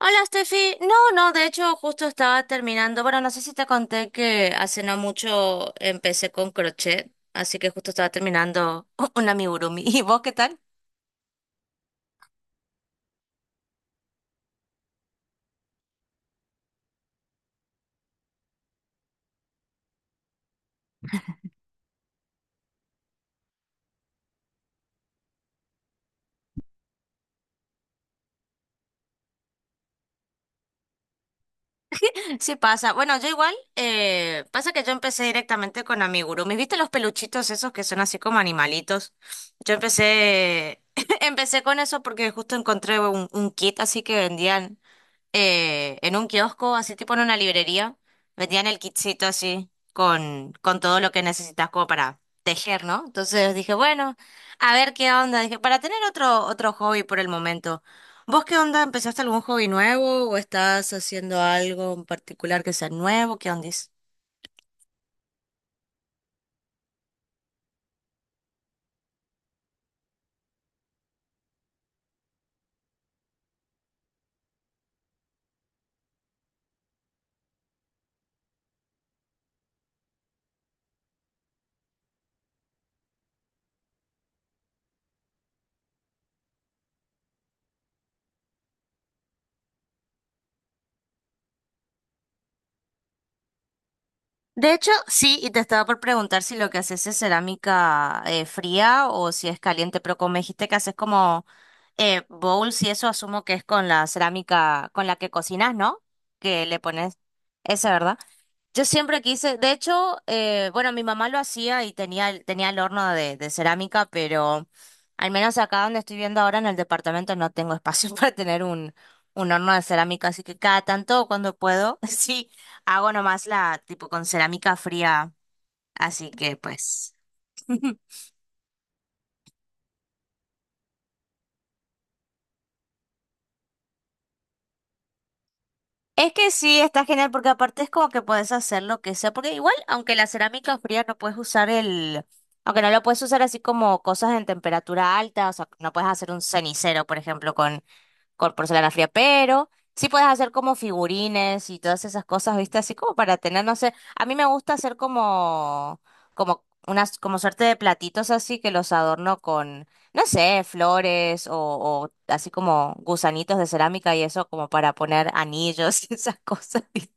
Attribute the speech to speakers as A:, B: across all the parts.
A: Hola, Steffi. No, no, de hecho justo estaba terminando. Bueno, no sé si te conté que hace no mucho empecé con crochet, así que justo estaba terminando un amigurumi. ¿Y vos qué tal? Sí, pasa. Bueno, yo igual, pasa que yo empecé directamente con amigurumis. ¿Viste los peluchitos esos que son así como animalitos? Yo empecé, empecé con eso porque justo encontré un kit así que vendían. Eh, en un kiosco, así tipo en una librería, vendían el kitcito así con todo lo que necesitas como para tejer, ¿no? Entonces dije, bueno, a ver qué onda. Dije, para tener otro hobby por el momento. ¿Vos qué onda? ¿Empezaste algún hobby nuevo o estás haciendo algo en particular que sea nuevo? ¿Qué onda? De hecho, sí, y te estaba por preguntar si lo que haces es cerámica fría o si es caliente, pero como me dijiste que haces como bowls y eso, asumo que es con la cerámica con la que cocinas, ¿no? Que le pones esa, ¿verdad? Yo siempre quise, de hecho, bueno, mi mamá lo hacía y tenía el horno de cerámica, pero al menos acá donde estoy viendo ahora en el departamento no tengo espacio para tener un horno de cerámica, así que cada tanto cuando puedo, sí, hago nomás la tipo con cerámica fría, así que pues... Es que sí, está genial porque aparte es como que puedes hacer lo que sea, porque igual, aunque no lo puedes usar así como cosas en temperatura alta, o sea, no puedes hacer un cenicero, por ejemplo, con porcelana fría, pero sí puedes hacer como figurines y todas esas cosas, ¿viste? Así como para tener, no sé, a mí me gusta hacer como unas, como suerte de platitos así que los adorno con, no sé, flores o así como gusanitos de cerámica y eso como para poner anillos y esas cosas, ¿viste?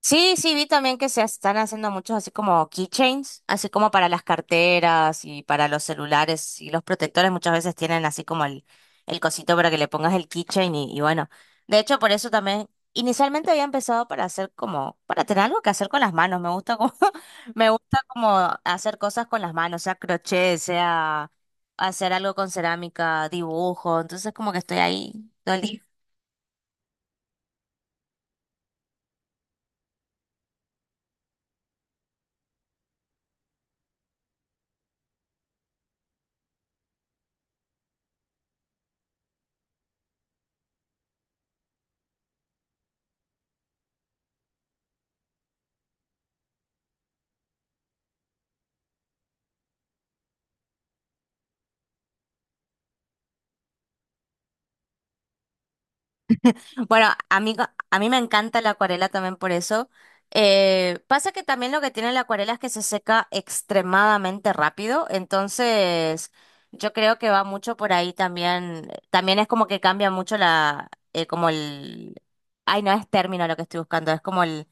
A: Sí, sí, vi también que se están haciendo muchos así como keychains, así como para las carteras y para los celulares y los protectores muchas veces tienen así como el cosito para que le pongas el keychain y bueno, de hecho por eso también inicialmente había empezado para hacer como, para tener algo que hacer con las manos, me gusta como, me gusta como hacer cosas con las manos, sea crochet, sea hacer algo con cerámica, dibujo, entonces como que estoy ahí todo el día. Bueno, a mí me encanta la acuarela también por eso. Pasa que también lo que tiene la acuarela es que se seca extremadamente rápido, entonces yo creo que va mucho por ahí también. También es como que cambia mucho ay, no es término lo que estoy buscando, es como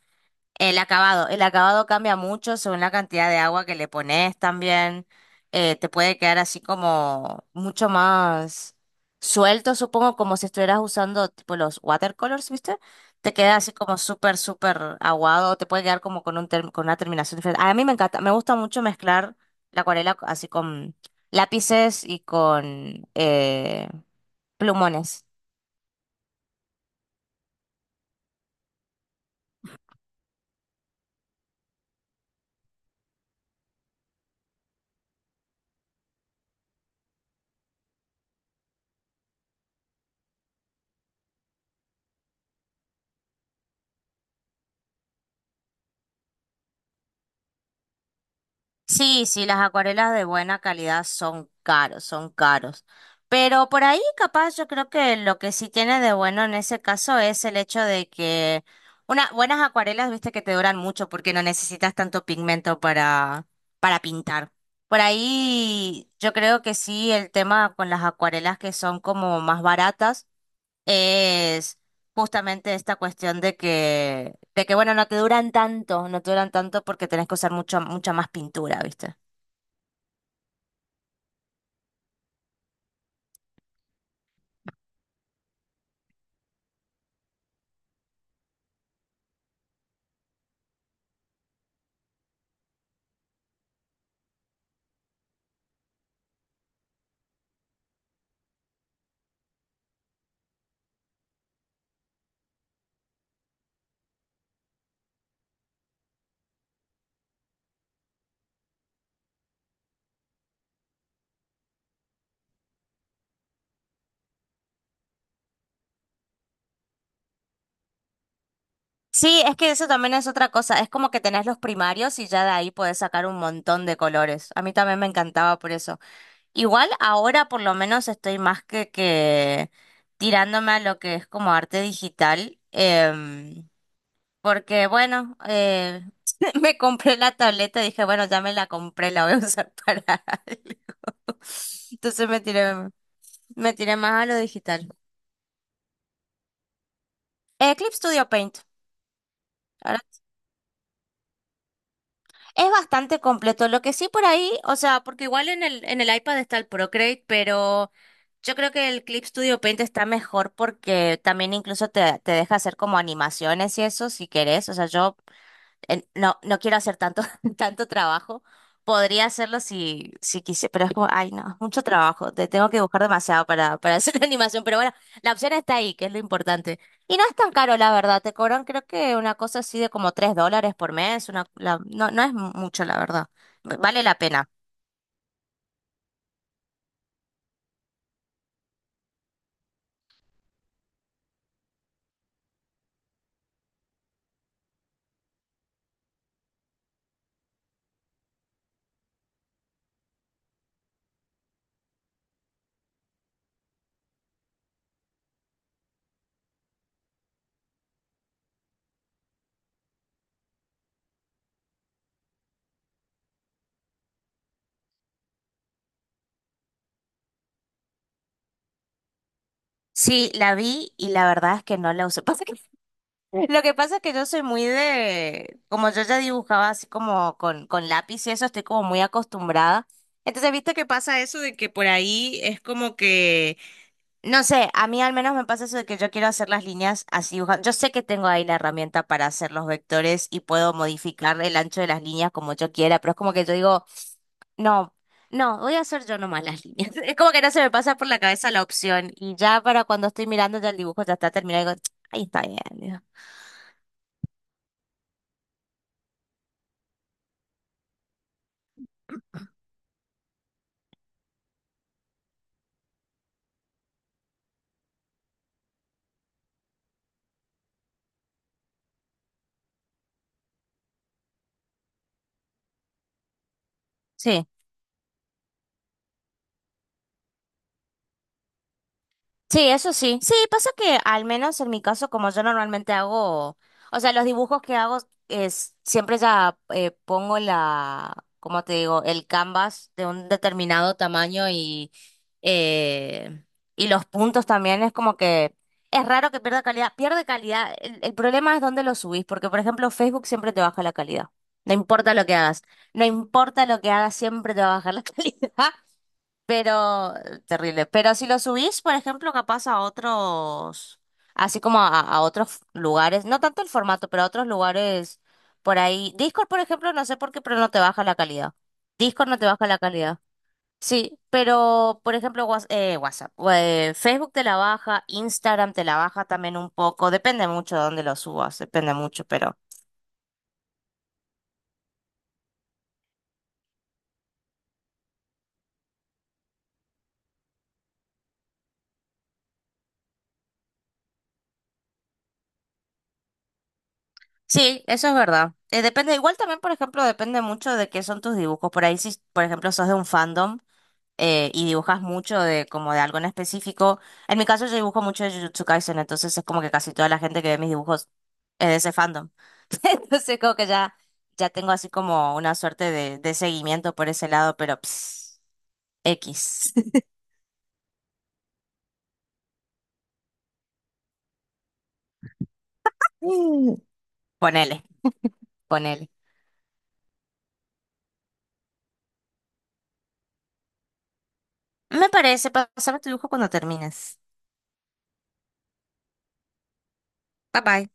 A: el acabado cambia mucho según la cantidad de agua que le pones también. Te puede quedar así como mucho más suelto, supongo, como si estuvieras usando tipo los watercolors, ¿viste? Te queda así como súper, súper aguado, te puede quedar como con un con una terminación diferente. A mí me encanta, me gusta mucho mezclar la acuarela así con lápices y con plumones. Sí, sí, las acuarelas de buena calidad son caros, son caros. Pero por ahí capaz yo creo que lo que sí tiene de bueno en ese caso es el hecho de que unas buenas acuarelas, viste que te duran mucho porque no necesitas tanto pigmento para pintar. Por ahí yo creo que sí, el tema con las acuarelas que son como más baratas es justamente esta cuestión de que, bueno, no te duran tanto, no te duran tanto porque tenés que usar mucho, mucha más pintura, ¿viste? Sí, es que eso también es otra cosa, es como que tenés los primarios y ya de ahí podés sacar un montón de colores. A mí también me encantaba por eso. Igual ahora por lo menos estoy más que tirándome a lo que es como arte digital. Porque bueno, me compré la tableta, dije, bueno, ya me la compré, la voy a usar para algo. Entonces me tiré más a lo digital. Eclipse Studio Paint. Ahora, es bastante completo. Lo que sí por ahí, o sea, porque igual en el iPad está el Procreate, pero yo creo que el Clip Studio Paint está mejor porque también incluso te, te deja hacer como animaciones y eso si querés. O sea, yo no quiero hacer tanto, tanto trabajo. Podría hacerlo si, si quise, pero es como, ay, no, es mucho trabajo. Te tengo que buscar demasiado para hacer la animación. Pero bueno, la opción está ahí, que es lo importante. Y no es tan caro, la verdad. Te cobran, creo que una cosa así de como $3 por mes. No es mucho, la verdad. Vale la pena. Sí, la vi y la verdad es que no la usé. Pasa que lo que pasa es que yo soy muy de, como yo ya dibujaba así como con lápiz y eso, estoy como muy acostumbrada. Entonces, ¿viste que pasa eso de que por ahí es como que, no sé, a mí al menos me pasa eso de que yo quiero hacer las líneas así dibujando? Yo sé que tengo ahí la herramienta para hacer los vectores y puedo modificar el ancho de las líneas como yo quiera, pero es como que yo digo, no, no, voy a hacer yo nomás las líneas. Es como que no se me pasa por la cabeza la opción y ya para cuando estoy mirando ya el dibujo ya está terminado y digo, ahí está bien. Digo, sí. Sí, eso sí. Sí, pasa que al menos en mi caso, como yo normalmente hago, o sea, los dibujos que hago es siempre ya ¿cómo te digo? El canvas de un determinado tamaño eh, y los puntos también es como que es raro que pierda calidad. Pierde calidad. El problema es dónde lo subís, porque por ejemplo Facebook siempre te baja la calidad. No importa lo que hagas, no importa lo que hagas, siempre te va a bajar la calidad. Pero, terrible. Pero si lo subís, por ejemplo, capaz a otros, así como a otros lugares, no tanto el formato, pero a otros lugares por ahí. Discord, por ejemplo, no sé por qué, pero no te baja la calidad. Discord no te baja la calidad. Sí, pero, por ejemplo, WhatsApp, Facebook te la baja, Instagram te la baja también un poco. Depende mucho de dónde lo subas, depende mucho, pero. Sí, eso es verdad. Depende, igual también, por ejemplo, depende mucho de qué son tus dibujos. Por ahí, si, por ejemplo, sos de un fandom. Eh, y dibujas mucho de como de algo en específico. En mi caso yo dibujo mucho de Jujutsu Kaisen, entonces es como que casi toda la gente que ve mis dibujos es de ese fandom. Entonces como que ya, ya tengo así como una suerte de seguimiento por ese lado, pero ps, X. Mm. Ponele, ponele. Me parece, pásame tu dibujo cuando termines. Bye bye.